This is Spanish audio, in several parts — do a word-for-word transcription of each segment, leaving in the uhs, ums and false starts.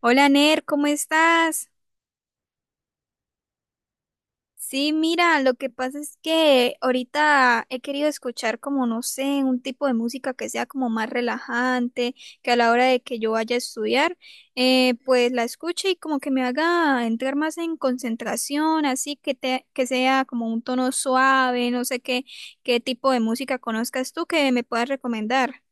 Hola Ner, ¿cómo estás? Sí, mira, lo que pasa es que ahorita he querido escuchar como, no sé, un tipo de música que sea como más relajante, que a la hora de que yo vaya a estudiar, eh, pues la escuche y como que me haga entrar más en concentración, así que, te, que sea como un tono suave, no sé qué, qué tipo de música conozcas tú que me puedas recomendar.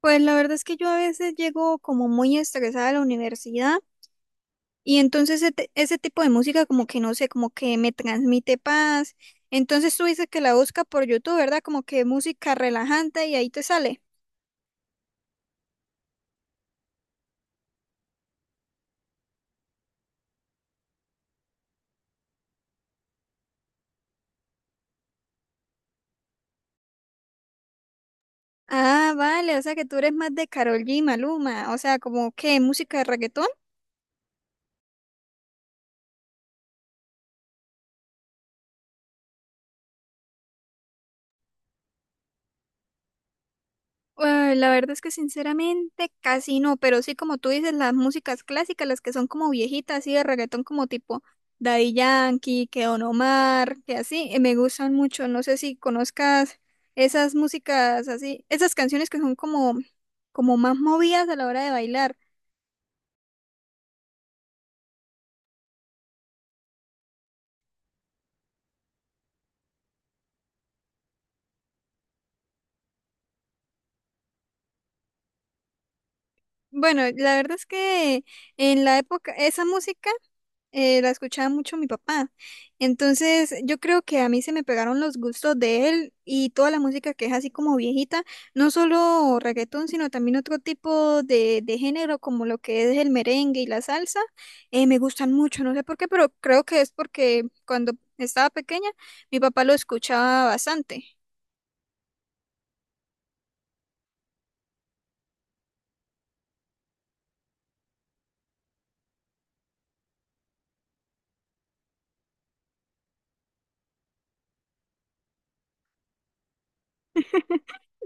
Pues la verdad es que yo a veces llego como muy estresada a la universidad. Y entonces ese, ese tipo de música como que no sé, como que me transmite paz. Entonces tú dices que la busca por YouTube, ¿verdad? Como que música relajante y ahí te sale. Ah, vale, o sea que tú eres más de Karol G, Maluma, o sea, como que música de reggaetón. Ay, la verdad es que sinceramente casi no, pero sí como tú dices, las músicas clásicas, las que son como viejitas, así de reggaetón como tipo Daddy Yankee, que Don Omar, que así, eh, me gustan mucho. No sé si conozcas esas músicas así, esas canciones que son como, como más movidas a la hora de bailar. Bueno, la verdad es que en la época, esa música eh, la escuchaba mucho mi papá. Entonces, yo creo que a mí se me pegaron los gustos de él y toda la música que es así como viejita, no solo reggaetón, sino también otro tipo de, de género como lo que es el merengue y la salsa, eh, me gustan mucho, no sé por qué, pero creo que es porque cuando estaba pequeña mi papá lo escuchaba bastante.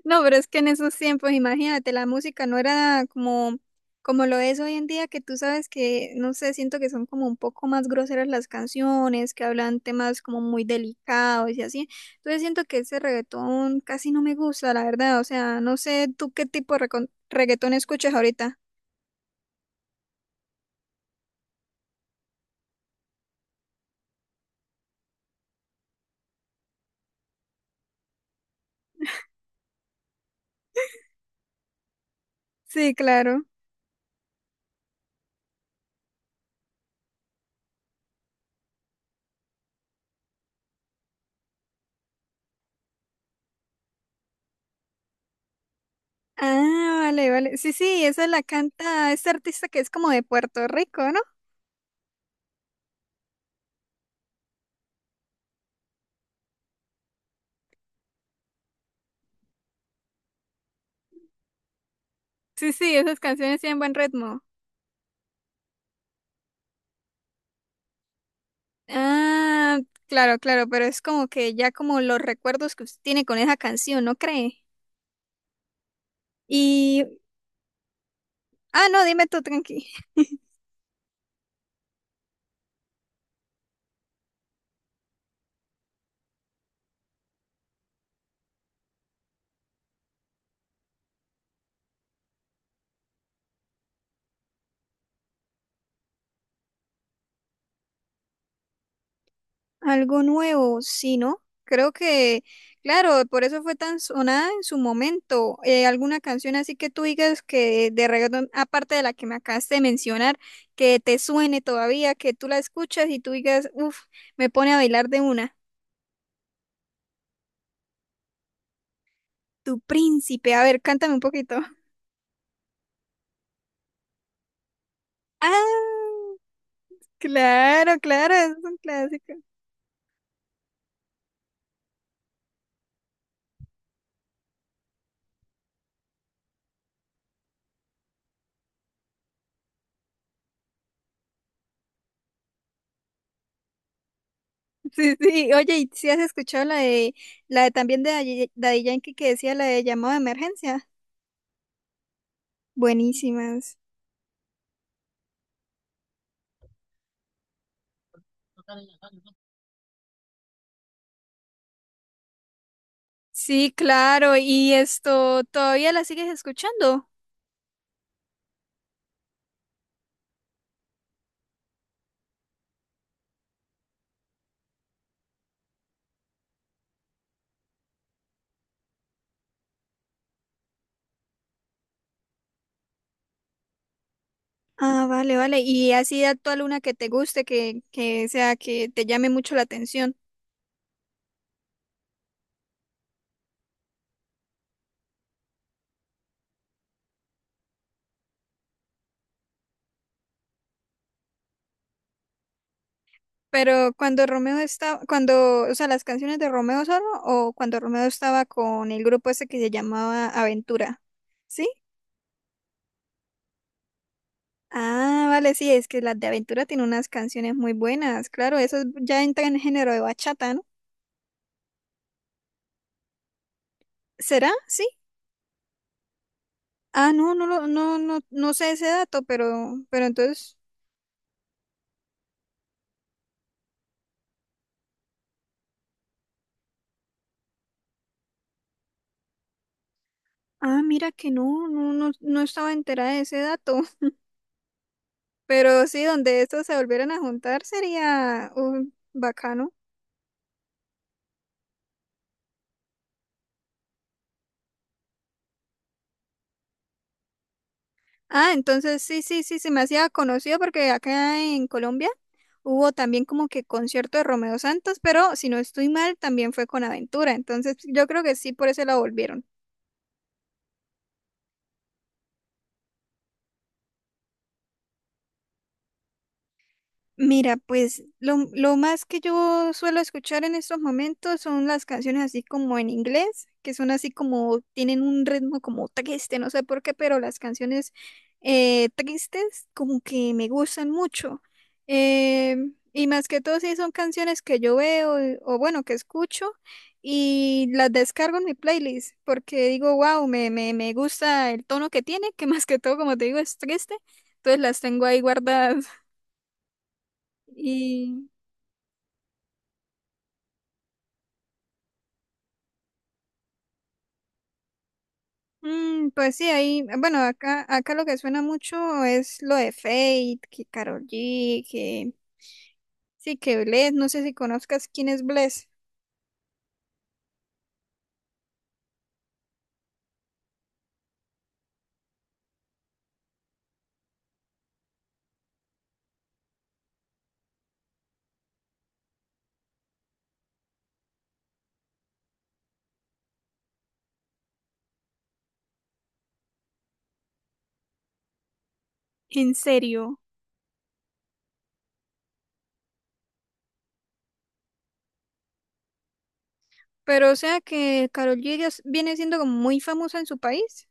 No, pero es que en esos tiempos, imagínate, la música no era como, como lo es hoy en día, que tú sabes que, no sé, siento que son como un poco más groseras las canciones, que hablan temas como muy delicados y así. Entonces siento que ese reggaetón casi no me gusta, la verdad. O sea, no sé tú qué tipo de recon- reggaetón escuchas ahorita. Sí, claro. Ah, vale, vale. Sí, sí, esa la canta este artista que es como de Puerto Rico, ¿no? Sí, sí, esas canciones tienen buen ritmo. Ah, claro, claro, pero es como que ya como los recuerdos que usted tiene con esa canción, ¿no cree? Y, ah, no, dime tú, tranqui. Algo nuevo, sí, ¿no? Creo que, claro, por eso fue tan sonada en su momento. Eh, alguna canción así que tú digas que de reggaetón, aparte de la que me acabaste de mencionar, que te suene todavía, que tú la escuchas y tú digas, uff, me pone a bailar de una. Tu príncipe, a ver, cántame un poquito. Ah. Claro, claro, es un clásico. Sí, sí. Oye, ¿y si has escuchado la de la de también de Daddy Daddy Yankee que decía la de llamado de emergencia? Buenísimas. Sí, claro, y esto, ¿todavía la sigues escuchando? Ah, vale, vale. Y así actual una que te guste, que, que sea que te llame mucho la atención. Pero cuando Romeo estaba, cuando, o sea, las canciones de Romeo solo o cuando Romeo estaba con el grupo ese que se llamaba Aventura, ¿sí? Ah, vale, sí, es que las de Aventura tienen unas canciones muy buenas. Claro, eso es- ya entra en el género de bachata, ¿no? ¿Será? Sí. Ah, no, no, lo- no, no, no sé ese dato, pero, pero entonces, ah, mira que no, no, no, no estaba enterada de ese dato. Pero sí, donde estos se volvieran a juntar sería uh, bacano. Ah, entonces sí, sí, sí, se me hacía conocido porque acá en Colombia hubo también como que concierto de Romeo Santos, pero si no estoy mal, también fue con Aventura. Entonces yo creo que sí, por eso la volvieron. Mira, pues lo, lo más que yo suelo escuchar en estos momentos son las canciones así como en inglés, que son así como, tienen un ritmo como triste, no sé por qué, pero las canciones eh, tristes como que me gustan mucho. Eh, y más que todo, sí son canciones que yo veo eh, o bueno, que escucho y las descargo en mi playlist porque digo, wow, me, me, me gusta el tono que tiene, que más que todo, como te digo, es triste. Entonces las tengo ahí guardadas. Y mm, pues sí, ahí, bueno, acá, acá lo que suena mucho es lo de Fate, que Karol G, que sí, que Bless, no sé si conozcas quién es Bless, en serio. Pero o sea que Karol G ya s- viene siendo como muy famosa en su país.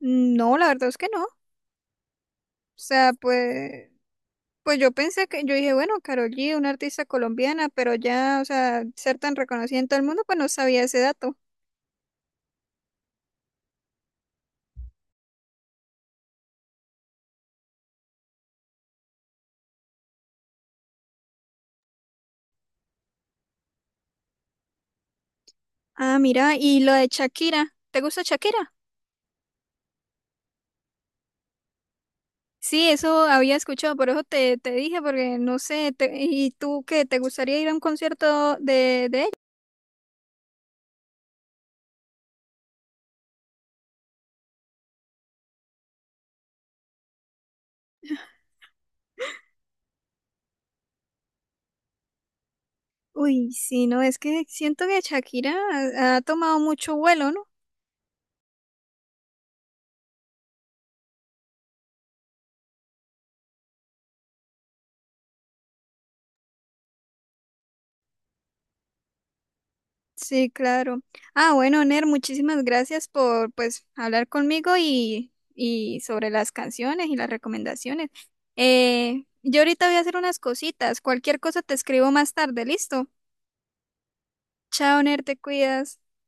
No, la verdad es que no. O sea, pues, pues yo pensé que, yo dije, bueno, Karol G, una artista colombiana, pero ya, o sea, ser tan reconocida en todo el mundo, pues no sabía ese dato. Ah, mira, y lo de Shakira, ¿te gusta Shakira? Sí, eso había escuchado, por eso te, te dije, porque no sé, te- ¿y tú qué? ¿Te gustaría ir a un concierto de, de ella? Uy, sí, no, es que siento que Shakira ha, ha tomado mucho vuelo, ¿no? Sí, claro. Ah, bueno, Ner, muchísimas gracias por, pues, hablar conmigo y, y sobre las canciones y las recomendaciones. Eh, yo ahorita voy a hacer unas cositas, cualquier cosa te escribo más tarde, ¿listo? Chao, Ner, te cuidas.